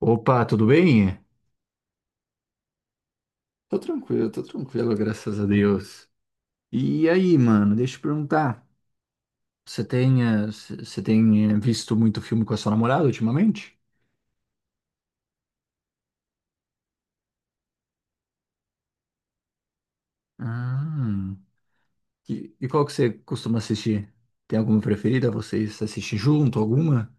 Opa, tudo bem? Tô tranquilo, graças a Deus. E aí, mano, deixa eu te perguntar. Você tem, visto muito filme com a sua namorada ultimamente? Ah, e qual que você costuma assistir? Tem alguma preferida? Vocês assistem junto, alguma?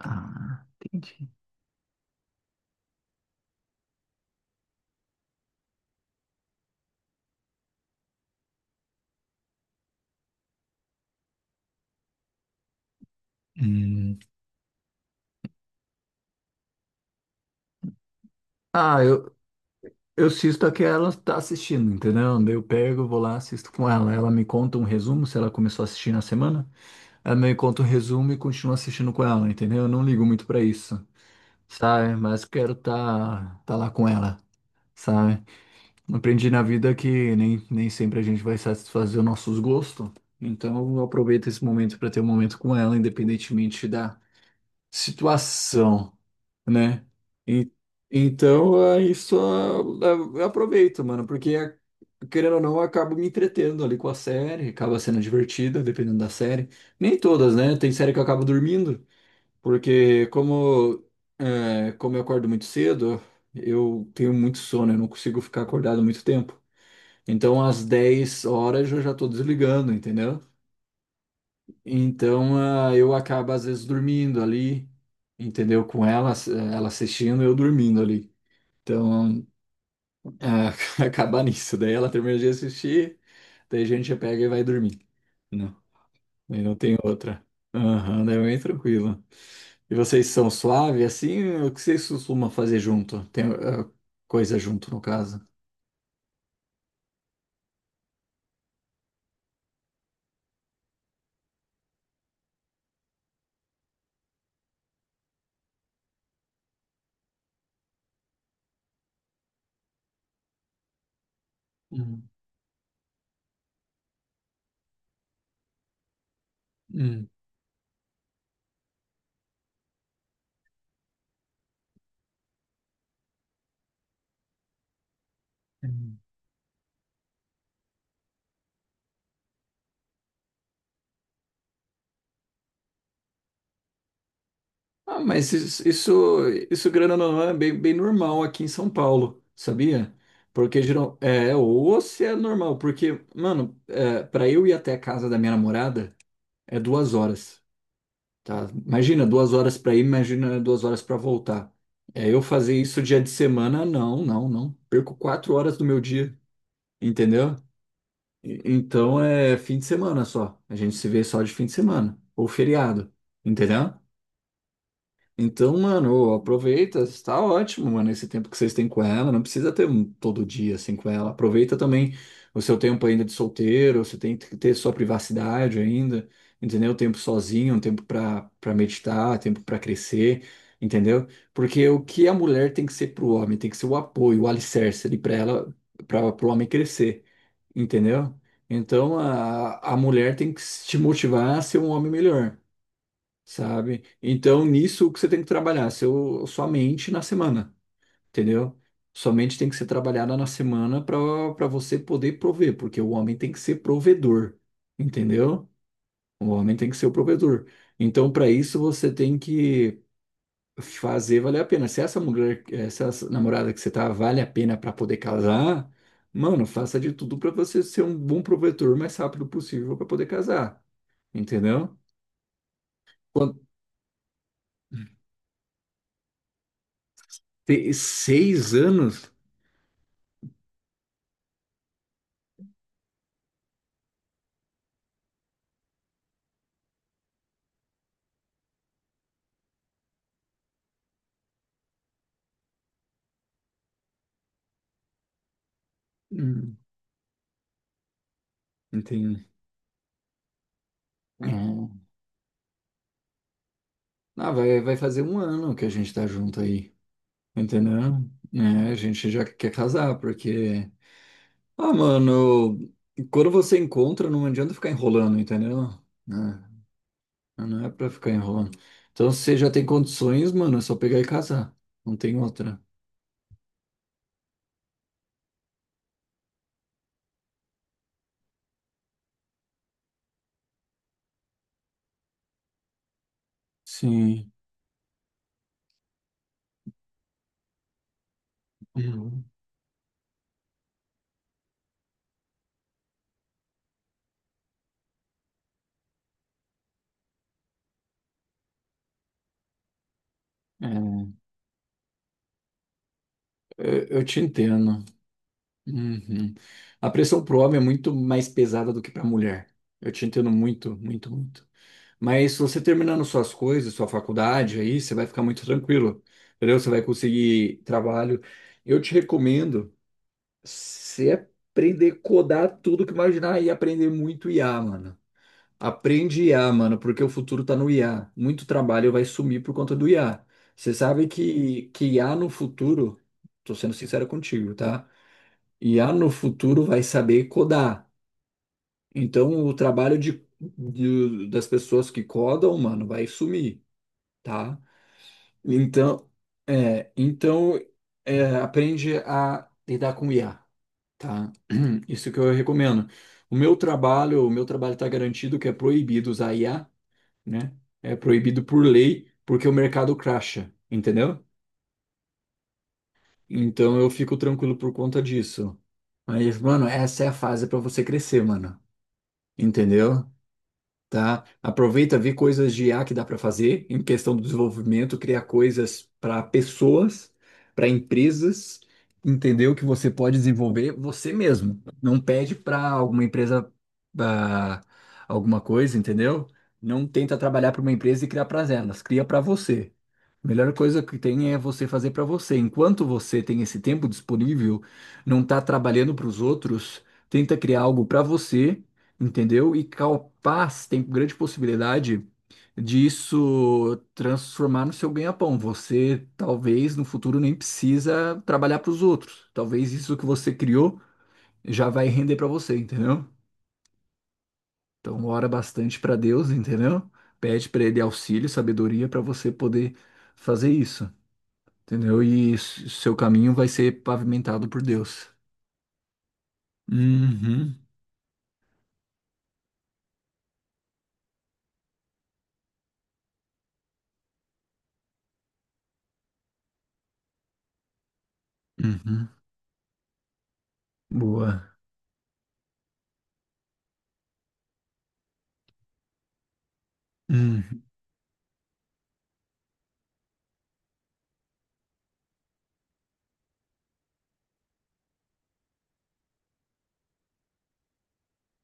Ah, entendi. Hum. Ah, eu assisto a que ela tá assistindo, entendeu? Daí eu pego, vou lá, assisto com ela. Ela me conta um resumo se ela começou a assistir na semana. Ela me conta um resumo e continua assistindo com ela, entendeu? Eu não ligo muito pra isso, sabe? Mas quero tá, tá lá com ela, sabe? Aprendi na vida que nem sempre a gente vai satisfazer os nossos gostos. Então eu aproveito esse momento pra ter um momento com ela, independentemente da situação, né? E então, é isso, eu aproveito, mano, porque querendo ou não, eu acabo me entretendo ali com a série, acaba sendo divertida, dependendo da série. Nem todas, né? Tem série que eu acabo dormindo, porque como eu acordo muito cedo, eu tenho muito sono, eu não consigo ficar acordado muito tempo. Então, às 10h eu já tô desligando, entendeu? Então, ah, eu acabo às vezes dormindo ali, entendeu? Com ela, ela assistindo, eu dormindo ali. Então, ah, acabar nisso. Daí ela termina de assistir, daí a gente já pega e vai dormir. Não, daí não tem outra. Aham, daí é bem tranquilo. E vocês são suave assim? O que vocês costumam fazer junto? Tem coisa junto, no caso. Uhum. Hum. Uhum. Ah, mas isso, grana não é bem normal aqui em São Paulo, sabia? Porque geral, ou se é normal, porque, mano, para eu ir até a casa da minha namorada é 2 horas. Tá? Imagina 2 horas para ir, imagina 2 horas para voltar. É, eu fazer isso dia de semana, não, não, não. Perco 4 horas do meu dia, entendeu? Então é fim de semana só. A gente se vê só de fim de semana ou feriado, entendeu? Então, mano, aproveita, está ótimo, mano, esse tempo que vocês têm com ela, não precisa ter todo dia assim com ela. Aproveita também o seu tempo ainda de solteiro, você tem que ter sua privacidade ainda, entendeu? Um tempo sozinho, um tempo para meditar, um tempo para crescer, entendeu? Porque o que a mulher tem que ser pro homem, tem que ser o apoio, o alicerce ali para ela, para pro homem crescer, entendeu? Então, a mulher tem que te motivar a ser um homem melhor. Sabe? Então, nisso, o que você tem que trabalhar? Sua mente na semana, entendeu? Sua mente tem que ser trabalhada na semana para você poder prover, porque o homem tem que ser provedor, entendeu? O homem tem que ser o provedor. Então, para isso, você tem que fazer valer a pena. Se essa mulher, essa namorada que você tá, vale a pena para poder casar, mano, faça de tudo para você ser um bom provedor o mais rápido possível para poder casar, entendeu? Quando ter 6 anos. Entendi. É. Ah, vai fazer um ano que a gente tá junto aí, entendeu? É, a gente já quer casar, porque. Ah, mano, quando você encontra, não adianta ficar enrolando, entendeu? Né? Não é pra ficar enrolando. Então, se você já tem condições, mano, é só pegar e casar. Não tem outra. Sim. Uhum. É, eu te entendo. Uhum. A pressão pro homem é muito mais pesada do que pra mulher. Eu te entendo muito, muito, muito. Mas se você terminando suas coisas, sua faculdade aí, você vai ficar muito tranquilo, entendeu? Você vai conseguir trabalho. Eu te recomendo você aprender a codar tudo que imaginar e aprender muito IA, mano. Aprende IA, mano, porque o futuro tá no IA. Muito trabalho vai sumir por conta do IA. Você sabe que IA no futuro, tô sendo sincero contigo, tá? IA no futuro vai saber codar. Então o trabalho das pessoas que codam, mano, vai sumir, tá? Então, é, então aprende a lidar com IA, tá? Isso que eu recomendo. O meu trabalho está garantido que é proibido usar IA, né? É proibido por lei, porque o mercado crasha, entendeu? Então eu fico tranquilo por conta disso. Mas, mano, essa é a fase para você crescer, mano. Entendeu? Tá? Aproveita, vê coisas de I a que dá para fazer em questão do desenvolvimento, criar coisas para pessoas, para empresas, entendeu? Que você pode desenvolver você mesmo. Não pede para alguma empresa ah, alguma coisa, entendeu? Não tenta trabalhar para uma empresa e criar para elas, cria para você. A melhor coisa que tem é você fazer para você. Enquanto você tem esse tempo disponível, não está trabalhando para os outros, tenta criar algo para você, entendeu? E capaz tem grande possibilidade disso transformar no seu ganha-pão. Você talvez no futuro nem precisa trabalhar para os outros. Talvez isso que você criou já vai render para você, entendeu? Então ora bastante para Deus, entendeu? Pede para ele auxílio, sabedoria para você poder fazer isso, entendeu? E seu caminho vai ser pavimentado por Deus. Uhum, uhum. Boa.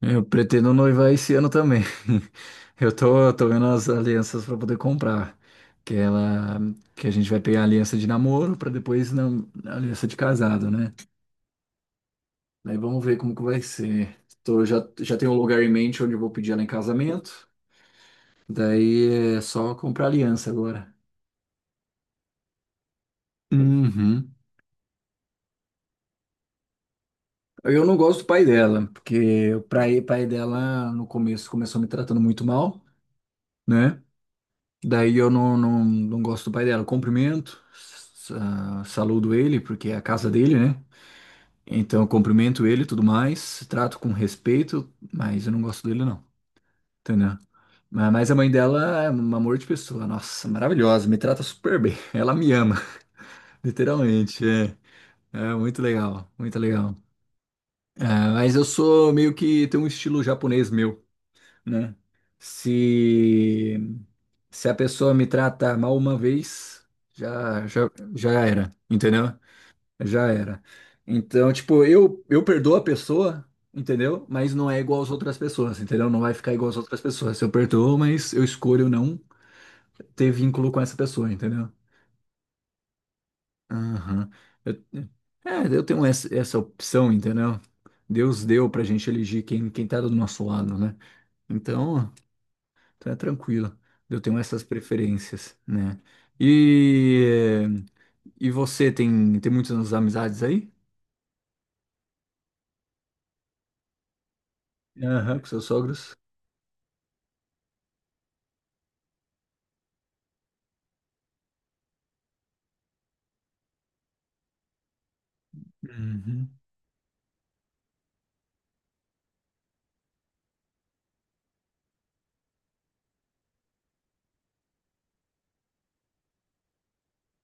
Eu pretendo noivar esse ano também. Eu tô vendo as alianças para poder comprar. Que ela, que a gente vai pegar a aliança de namoro para depois a aliança de casado, né? Aí vamos ver como que vai ser. Já tenho um lugar em mente onde eu vou pedir ela em casamento. Daí é só comprar aliança agora. Uhum. Eu não gosto do pai dela, porque pai dela no começo começou me tratando muito mal, né? Daí eu não gosto do pai dela. Eu cumprimento, saludo ele, porque é a casa dele, né? Então eu cumprimento ele e tudo mais, trato com respeito, mas eu não gosto dele, não. Entendeu? Mas a mãe dela é um amor de pessoa, nossa, maravilhosa, me trata super bem. Ela me ama, literalmente. É, muito legal, muito legal. É, mas eu sou meio que tenho um estilo japonês meu. Né? Se, se a pessoa me trata mal uma vez, já, já, já era, entendeu? Já era. Então, tipo, eu perdoo a pessoa, entendeu? Mas não é igual às outras pessoas, entendeu? Não vai ficar igual às outras pessoas. Eu perdoo, mas eu escolho não ter vínculo com essa pessoa, entendeu? Aham. Eu- eu tenho essa, opção, entendeu? Deus deu pra gente elegir quem tá do nosso lado, né? Então. Então é tranquilo. Eu tenho essas preferências, né? E, e você tem, muitas amizades aí? Aham, com seus sogros? Uhum.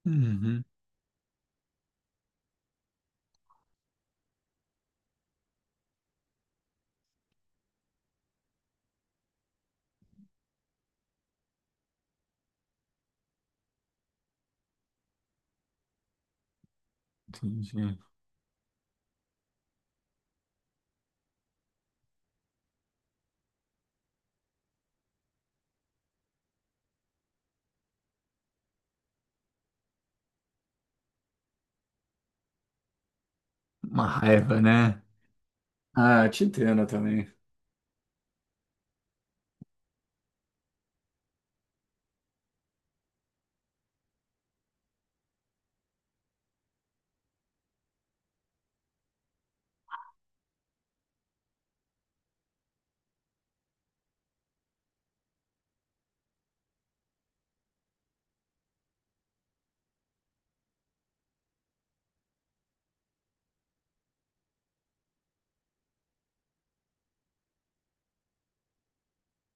Uhum. Entendi. Uma raiva, né? Ah, te entendo também.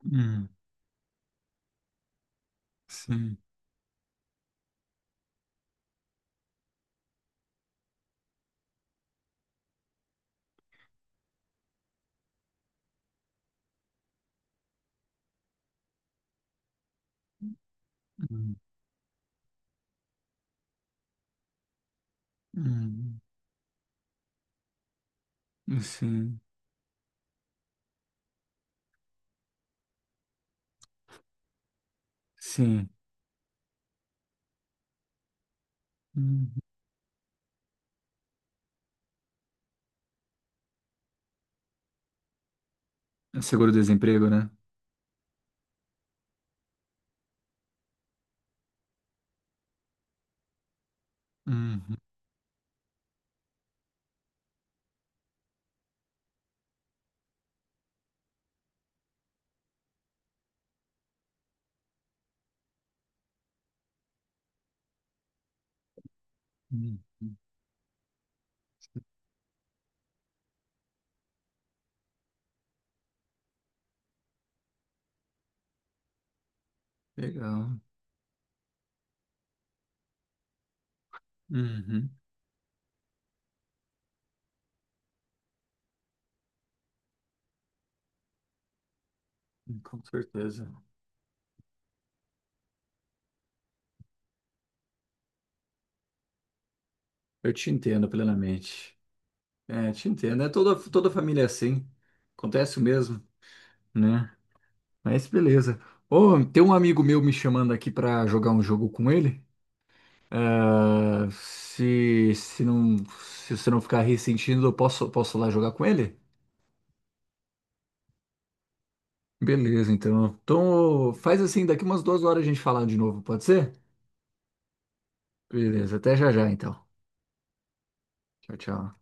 Hum, sim. Hum, hum, sim. Sim. Uhum. É seguro-desemprego, né? Uhum. Uhum. Legal. Uhum. Com certeza. Eu te entendo plenamente. É, te entendo. É toda, toda família é assim. Acontece o mesmo, né? Mas beleza. Ô, tem um amigo meu me chamando aqui pra jogar um jogo com ele. Ah, se não, se você não ficar ressentindo, eu posso lá jogar com ele? Beleza, então. Então, faz assim, daqui umas 2 horas a gente falar de novo, pode ser? Beleza, até já já, então. Tchau, tchau.